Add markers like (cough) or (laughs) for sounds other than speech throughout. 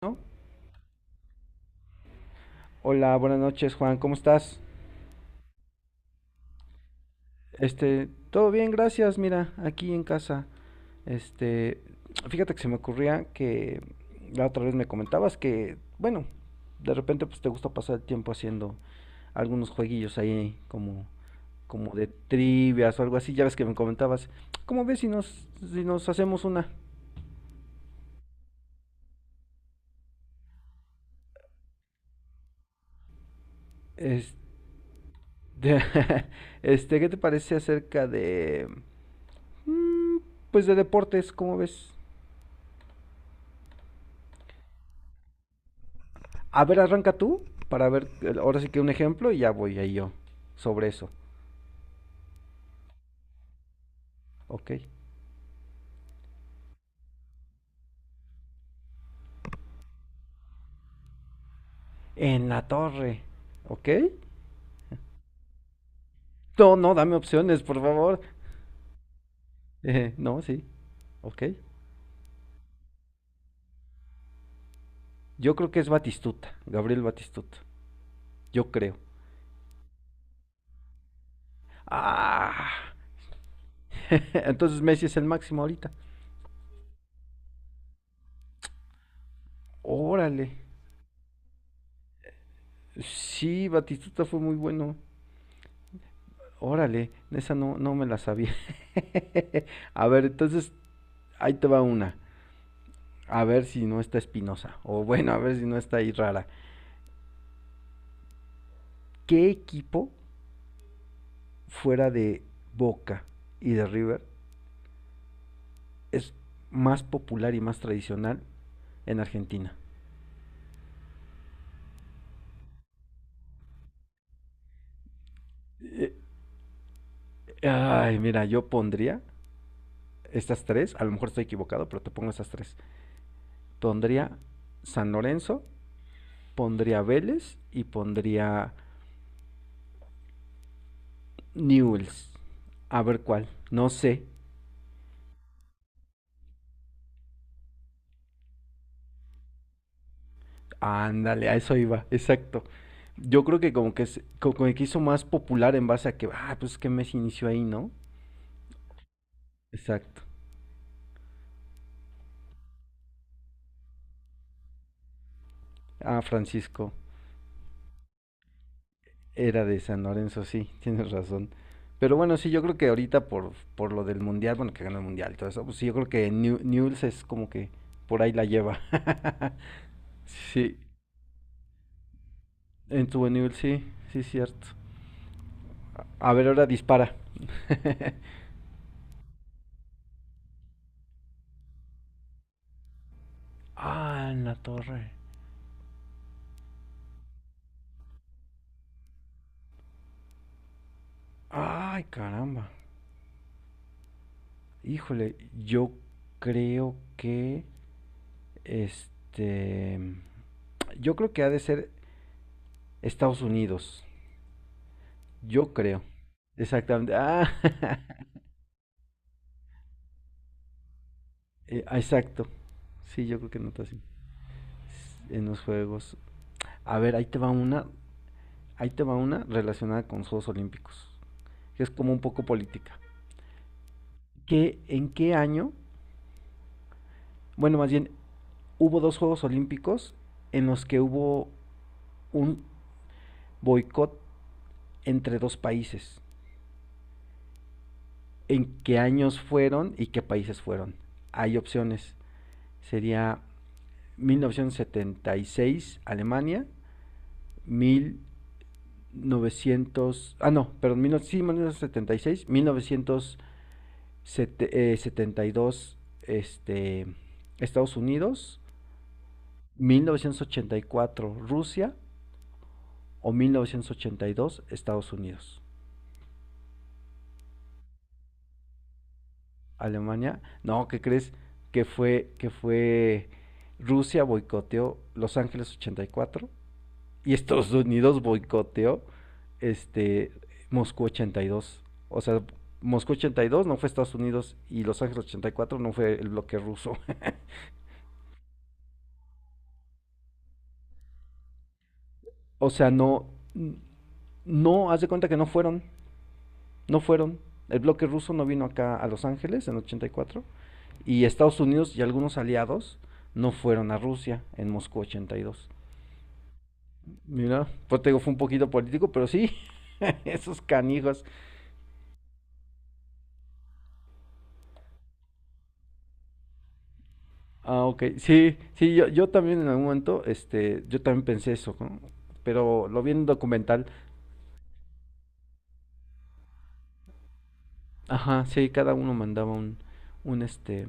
¿No? Hola, buenas noches, Juan, ¿cómo estás? Todo bien, gracias, mira, aquí en casa. Este, Fíjate que se me ocurría que la otra vez me comentabas que, bueno, de repente pues te gusta pasar el tiempo haciendo algunos jueguillos ahí como de trivias o algo así, ya ves que me comentabas. ¿Cómo ves si nos hacemos una? Este, (laughs) ¿Qué te parece acerca de mm, pues de deportes? ¿Cómo ves? A ver, arranca tú para ver, ahora sí que un ejemplo y ya voy ahí yo sobre eso. Ok. En la torre. Ok. No, no, dame opciones, por favor. (laughs) No, sí. Ok. Yo creo que es Batistuta, Gabriel Batistuta. Yo creo. Ah. (laughs) Entonces Messi es el máximo ahorita. Órale. Sí, Batistuta fue muy bueno. Órale, esa no, no me la sabía. (laughs) A ver, entonces ahí te va una. A ver si no está Espinosa, o bueno, a ver si no está ahí rara. ¿Qué equipo fuera de Boca y de River es más popular y más tradicional en Argentina? Eh, Ay, mira, yo pondría estas tres, a lo mejor estoy equivocado, pero te pongo estas tres. Pondría San Lorenzo, pondría Vélez y pondría Newells. A ver cuál, no sé. Ándale, a eso iba, exacto. Yo creo que como que hizo más popular en base a que, ah, pues que Messi inició ahí, ¿no? Exacto. Ah, Francisco era de San Lorenzo, sí, (laughs) tienes razón. Pero bueno, sí, yo creo que ahorita por lo del mundial, bueno, que ganó el mundial y todo eso, pues sí, yo creo que Newell's es como que por ahí la lleva. (laughs) Sí, en tu Newell's, sí, sí, cierto. A ver, ahora dispara. (laughs) Ah, en la torre. Ay, caramba. Híjole, yo creo que este yo creo que ha de ser Estados Unidos. Yo creo. Exactamente. Ah, (laughs) ah, exacto. Sí, yo creo que notación. En los juegos. A ver, ahí te va una. Ahí te va una relacionada con los Juegos Olímpicos. Que es como un poco política. ¿En qué año? Bueno, más bien, hubo dos Juegos Olímpicos en los que hubo un boicot entre dos países. ¿En qué años fueron y qué países fueron? Hay opciones. Sería 1976 Alemania, mil novecientos ah no, perdón, 19, sí, y seis, 1972 este, Estados Unidos, 1984 Rusia o 1982 Estados Unidos. Alemania. No, ¿qué crees? Que fue Rusia boicoteó Los Ángeles ochenta y cuatro y Estados Unidos boicoteó este Moscú ochenta y dos. O sea, Moscú 82 no fue Estados Unidos y Los Ángeles 84 no fue el bloque ruso. (laughs) O sea, no, no, haz de cuenta que no fueron, no fueron. El bloque ruso no vino acá a Los Ángeles en ochenta y cuatro y Estados Unidos y algunos aliados no fueron a Rusia en Moscú 82. Mira, pues te digo, fue un poquito político, pero sí, (laughs) esos canijos. Ah, ok. Sí, sí, yo también en algún momento, yo también pensé eso, ¿no? Pero lo vi en un documental. Ajá, sí, cada uno mandaba un este,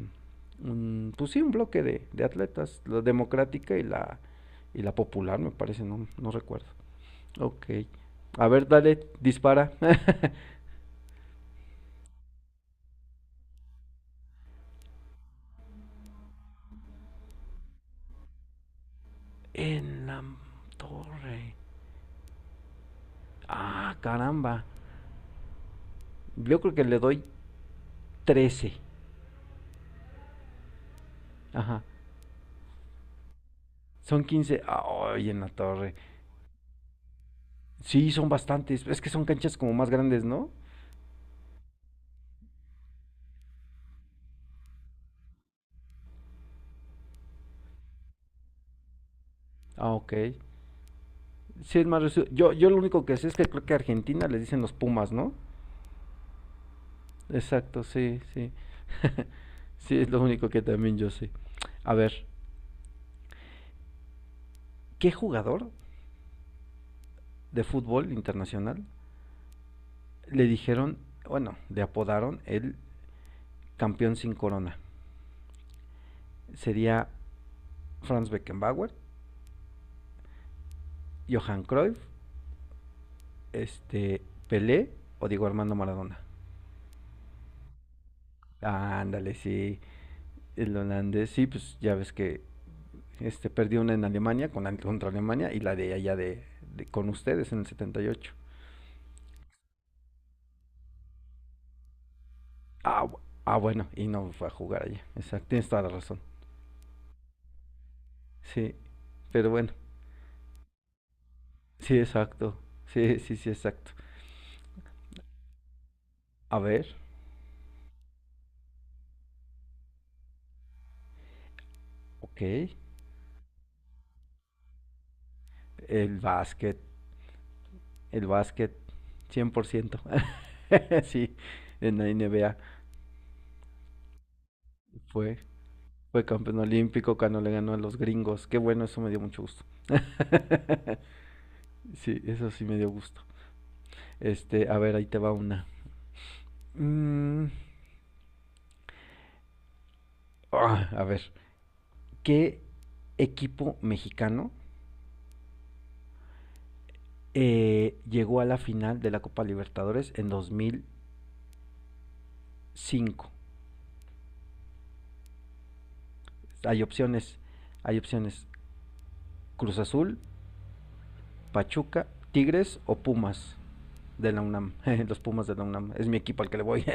un pues sí, un bloque de atletas, la democrática y la popular, me parece, no, no recuerdo. Ok. A ver, dale, dispara. (laughs) En la torre. Ah, caramba. Yo creo que le doy 13. Ajá. Son 15. Ay, en la torre. Sí, son bastantes. Es que son canchas como más grandes, ¿no? Ah, ok. Sí, es más reducido. Yo lo único que sé es que creo que a Argentina les dicen los Pumas, ¿no? Exacto, sí, sí. Sí, es lo único que también yo sé. A ver, ¿qué jugador de fútbol internacional le dijeron, bueno, le apodaron el campeón sin corona? Sería Franz Beckenbauer, Johan Cruyff, este, Pelé o Diego Armando Maradona. Ándale, sí. El holandés, sí, pues ya ves que perdió una en Alemania contra Alemania y la de allá con ustedes en el 78. Ah, ah bueno, y no fue a jugar allá. Exacto, tienes toda la razón. Sí, pero bueno, sí, exacto. Sí, sí, sí, exacto. A ver, ok. El básquet, el básquet, 100%, (laughs) sí, en la NBA fue, fue campeón olímpico cuando le ganó a los gringos. Qué bueno, eso me dio mucho gusto. (laughs) Sí, eso sí me dio gusto. A ver, ahí te va una. Mm, ah, a ver, ¿qué equipo mexicano llegó a la final de la Copa Libertadores en 2005? Hay opciones, hay opciones. Cruz Azul, Pachuca, Tigres o Pumas de la UNAM. (laughs) Los Pumas de la UNAM. Es mi equipo al que le voy.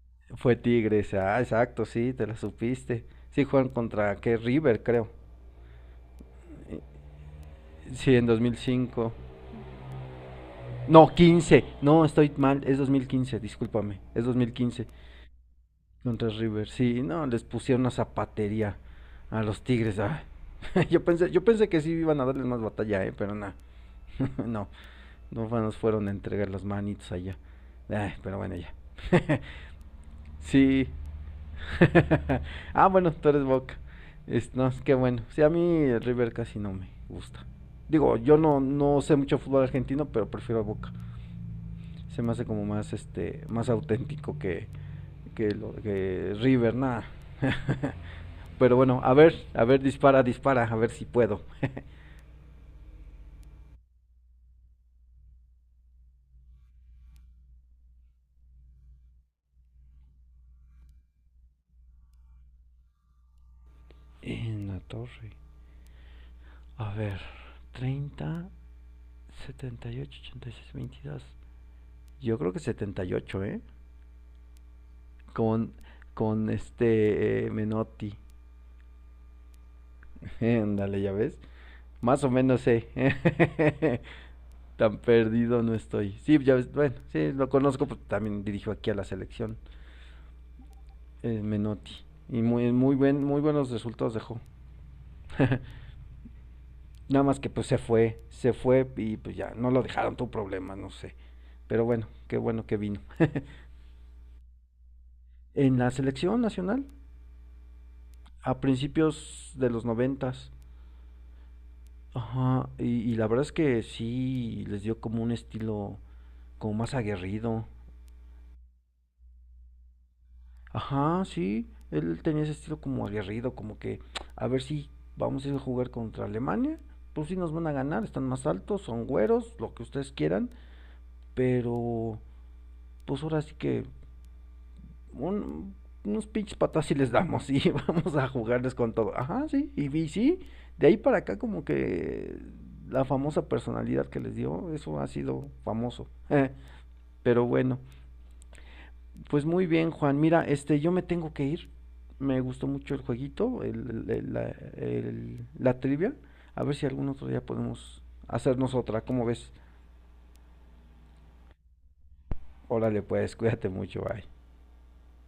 (laughs) Fue Tigres. Ah, exacto, sí, te la supiste. Sí, juegan contra, que River, creo. Sí, en 2005. No, 15. No, estoy mal. Es 2015, discúlpame. Es 2015. Contra River. Sí, no, les pusieron una zapatería a los Tigres. Ah. (laughs) Yo pensé que sí iban a darles más batalla, pero nada. (laughs) No, no fue- nos fueron a entregar las manitos allá. Ay, pero bueno, ya. (laughs) Sí. (laughs) Ah, bueno, tú eres Boca. Es, no, es que bueno. Sí, a mí el River casi no me gusta. Digo, yo no, no sé mucho fútbol argentino, pero prefiero a Boca. Se me hace como más auténtico que River, nada. (laughs) Pero bueno, a ver, dispara, dispara, a ver si puedo. (laughs) En la torre. A ver, treinta, setenta y ocho, ochenta y seis, veintidós. Yo creo que setenta y ocho, ¿eh? Con, con Menotti. (laughs) Ándale, ya ves. Más o menos sé. ¿Eh? (laughs) Tan perdido no estoy. Sí, ya ves, bueno, sí, lo conozco, pues también dirijo aquí a la selección. Eh, Menotti. Y muy buenos resultados dejó. (laughs) Nada más que pues se fue y pues ya, no lo dejaron, tu problema, no sé. Pero bueno, qué bueno que vino. (laughs) En la selección nacional, a principios de los noventas. Ajá, y la verdad es que sí les dio como un estilo como más aguerrido. Ajá, sí. Él tenía ese estilo como aguerrido, como que a ver si vamos a ir a jugar contra Alemania. Pues sí nos van a ganar, están más altos, son güeros, lo que ustedes quieran. Pero pues ahora sí que un- unos pinches patas y les damos (laughs) y vamos a jugarles con todo. Ajá, sí. Y vi, sí, de ahí para acá como que la famosa personalidad que les dio, eso ha sido famoso. (laughs) Pero bueno. Pues muy bien, Juan. Mira, yo me tengo que ir. Me gustó mucho el jueguito, la trivia. A ver si algún otro día podemos hacernos otra. ¿Cómo ves? Órale, pues, cuídate mucho, bye.